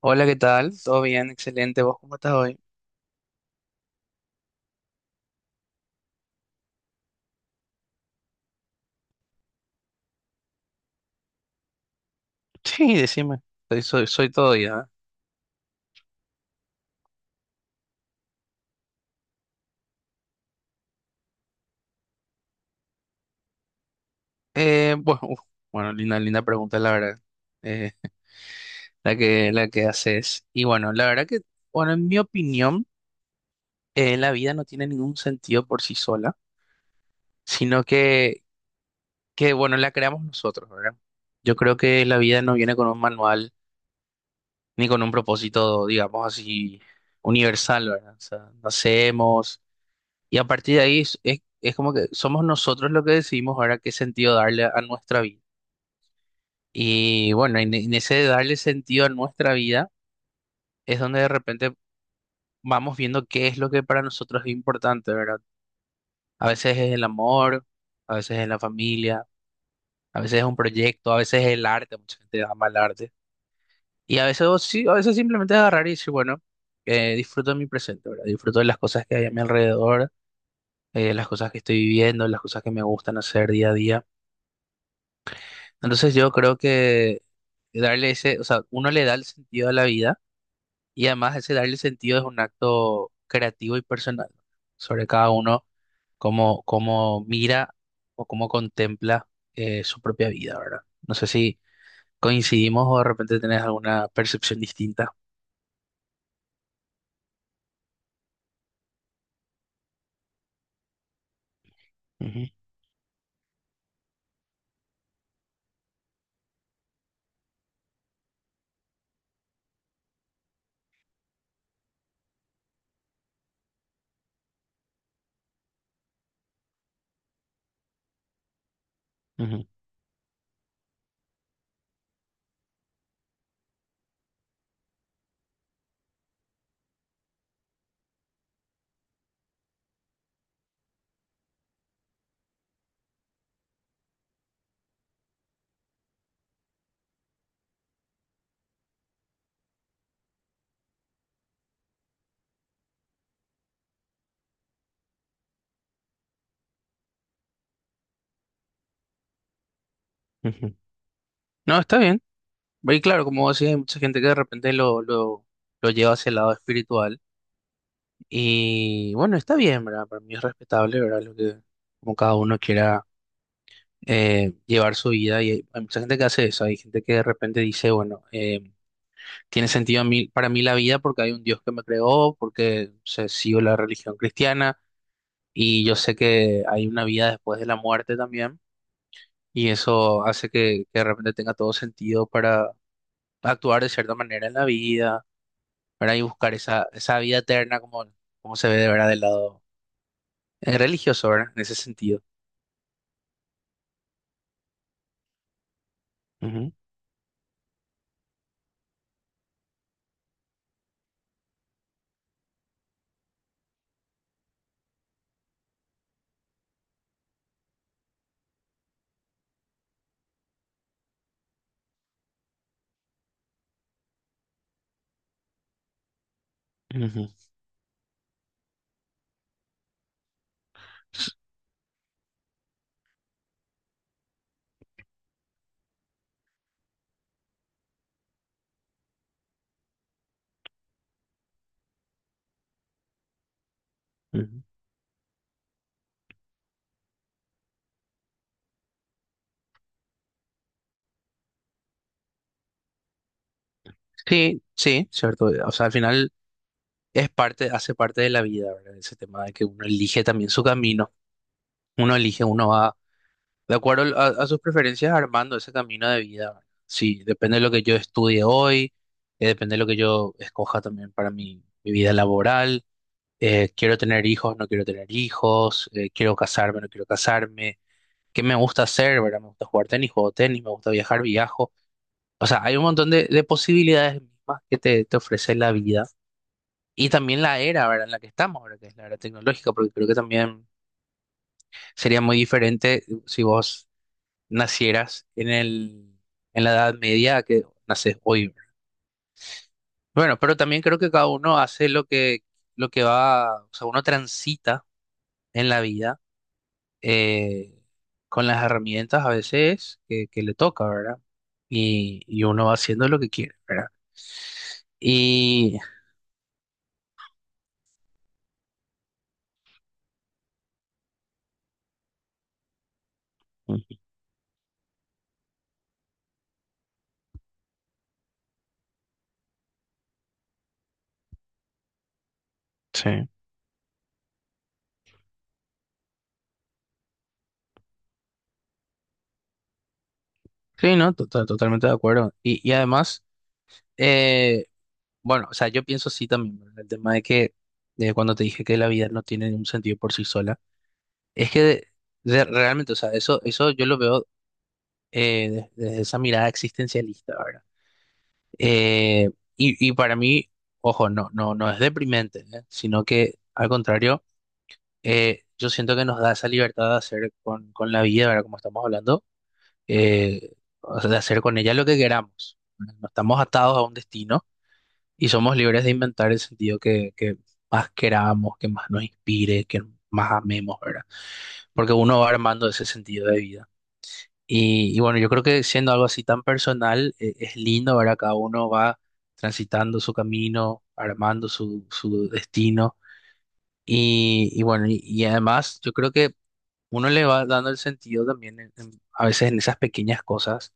Hola, ¿qué tal? ¿Todo bien? Excelente. ¿Vos cómo estás hoy? Sí, decime. Soy todo ya. Bueno, uf, bueno, linda pregunta, la verdad. Eh, la que haces. Y bueno, la verdad bueno, en mi opinión, la vida no tiene ningún sentido por sí sola, sino que, bueno, la creamos nosotros, ¿verdad? Yo creo que la vida no viene con un manual ni con un propósito, digamos así, universal, ¿verdad? O sea, nacemos. Y a partir de ahí es como que somos nosotros los que decidimos ahora qué sentido darle a nuestra vida. Y bueno, en ese de darle sentido a nuestra vida es donde de repente vamos viendo qué es lo que para nosotros es importante, ¿verdad? A veces es el amor, a veces es la familia, a veces es un proyecto, a veces es el arte, mucha gente ama el arte. Y a veces, o sí, a veces simplemente agarrar y decir, bueno, disfruto de mi presente, ¿verdad? Disfruto de las cosas que hay a mi alrededor, las cosas que estoy viviendo, las cosas que me gustan hacer día a día. Entonces yo creo que darle ese, o sea, uno le da el sentido a la vida y además ese darle sentido es un acto creativo y personal, ¿no? Sobre cada uno cómo mira o cómo contempla su propia vida, ¿verdad? No sé si coincidimos o de repente tenés alguna percepción distinta. Ujú, ujú, ujú. No, está bien. Y claro, como vos decís, hay mucha gente que de repente lo lleva hacia el lado espiritual. Y bueno, está bien, ¿verdad? Para mí es respetable, ¿verdad? Lo que, como cada uno quiera llevar su vida. Y hay mucha gente que hace eso. Hay gente que de repente dice, bueno, tiene sentido a mí, para mí la vida porque hay un Dios que me creó, porque se sigo la religión cristiana y yo sé que hay una vida después de la muerte también. Y eso hace que de repente tenga todo sentido para actuar de cierta manera en la vida, ¿verdad? Y buscar esa vida eterna como, como se ve de verdad del lado religioso, ¿verdad? En ese sentido. Ujú, ujú, ujú. Sí, sí, cierto. O sea, al final es parte, hace parte de la vida, ¿verdad? Ese tema de que uno elige también su camino. Uno elige, uno va de acuerdo a sus preferencias armando ese camino de vida, ¿verdad? Sí, depende de lo que yo estudie hoy, depende de lo que yo escoja también para mi vida laboral. Quiero tener hijos, no quiero tener hijos, quiero casarme, no quiero casarme. ¿Qué me gusta hacer, verdad? Me gusta jugar tenis, juego tenis, me gusta viajar, viajo. O sea, hay un montón de posibilidades mismas que te ofrece la vida y también la era, ¿verdad?, en la que estamos ahora, que es la era tecnológica, porque creo que también sería muy diferente si vos nacieras en la Edad Media que naces hoy, ¿verdad? Bueno, pero también creo que cada uno hace lo lo que va, o sea, uno transita en la vida eh, con las herramientas a veces que le toca, ¿verdad? Y uno va haciendo lo que quiere, ¿verdad? Y. Sí, sí, no, totalmente de acuerdo. Y además, eh, bueno, o sea, yo pienso sí también, ¿verdad? El tema de que de cuando te dije que la vida no tiene ningún sentido por sí sola, es que realmente, o sea, eso yo lo veo desde esa mirada existencialista, ¿verdad? Eh, y, y para mí, ojo, no es deprimente, ¿eh? Sino que al contrario, yo siento que nos da esa libertad de hacer con la vida, ¿verdad? Como estamos hablando, eh, o sea, de hacer con ella lo que queramos. No estamos atados a un destino y somos libres de inventar el sentido que más queramos, que más nos inspire, que más amemos, ¿verdad? Porque uno va armando ese sentido de vida. Y bueno, yo creo que siendo algo así tan personal, es lindo, ¿verdad? Cada uno va transitando su camino, armando su destino. Y bueno, y además yo creo que uno le va dando el sentido también a veces en esas pequeñas cosas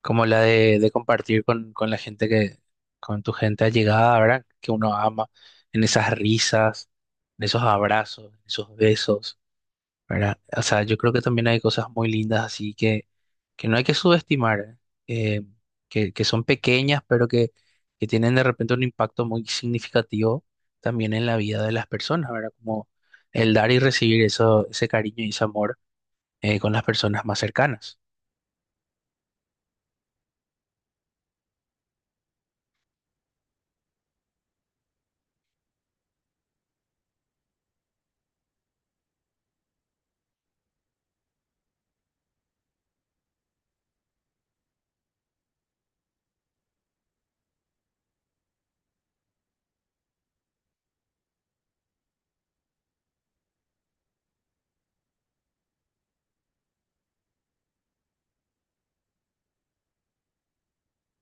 como la de compartir con la gente que, con tu gente allegada, ¿verdad? Que uno ama, en esas risas, en esos abrazos, en esos besos, ¿verdad? O sea, yo creo que también hay cosas muy lindas así que no hay que subestimar, Eh, que son pequeñas, pero que tienen de repente un impacto muy significativo también en la vida de las personas, ¿verdad? Como el dar y recibir eso, ese cariño y ese amor con las personas más cercanas.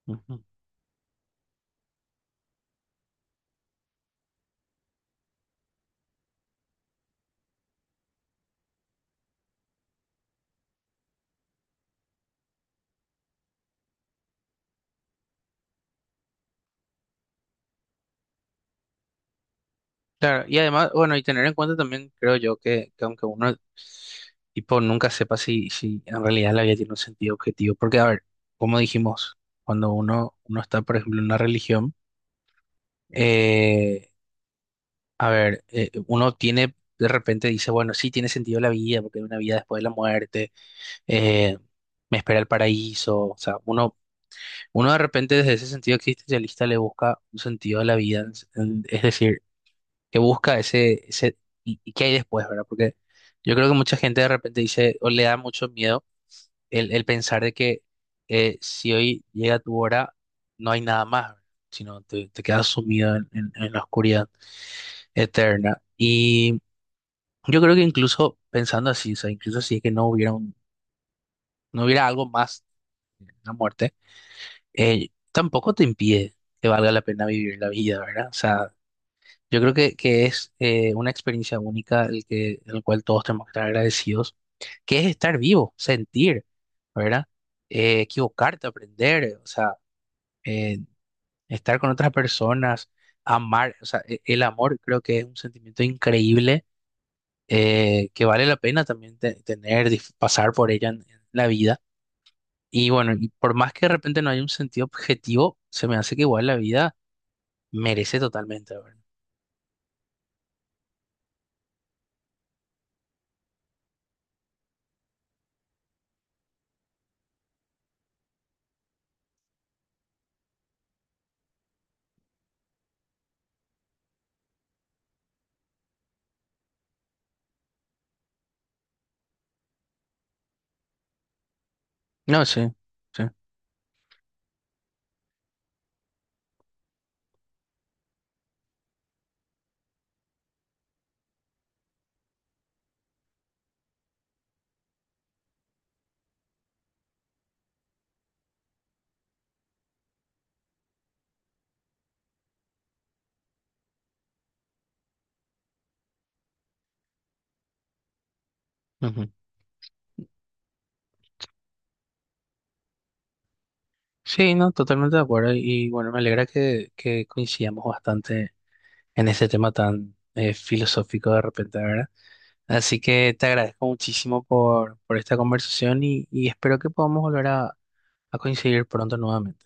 Ujú. Claro, y además, bueno, y tener en cuenta también, creo yo, que aunque uno, tipo, nunca sepa si en realidad la vida tiene un sentido objetivo, porque, a ver, como dijimos, cuando uno está, por ejemplo, en una religión, eh, a ver, uno tiene, de repente dice, bueno, sí tiene sentido la vida, porque hay una vida después de la muerte, eh, me espera el paraíso, o sea, uno, uno de repente desde ese sentido existencialista le busca un sentido a la vida, es decir, que busca ese, ese y qué hay después, ¿verdad? Porque yo creo que mucha gente de repente dice o le da mucho miedo el pensar de que si hoy llega tu hora, no hay nada más, ¿verdad?, sino te quedas sumido en la oscuridad eterna. Y yo creo que incluso pensando así, o sea, incluso si es que no hubiera algo más, una muerte, tampoco te impide que valga la pena vivir la vida, ¿verdad? O sea, yo creo que es una experiencia única el que, el cual todos tenemos que estar agradecidos, que es estar vivo, sentir, ¿verdad? Equivocarte, aprender, o sea, eh, estar con otras personas, amar, o sea, e- el amor creo que es un sentimiento increíble que vale la pena también tener, dif- pasar por ella en la vida. Y bueno, y por más que de repente no haya un sentido objetivo, se me hace que igual la vida merece totalmente, ¿verdad? No, sí, sí. Ujú. Sí, no, totalmente de acuerdo. Y bueno, me alegra que coincidamos bastante en ese tema tan filosófico de repente, ¿verdad? Así que te agradezco muchísimo por esta conversación y espero que podamos volver a coincidir pronto nuevamente.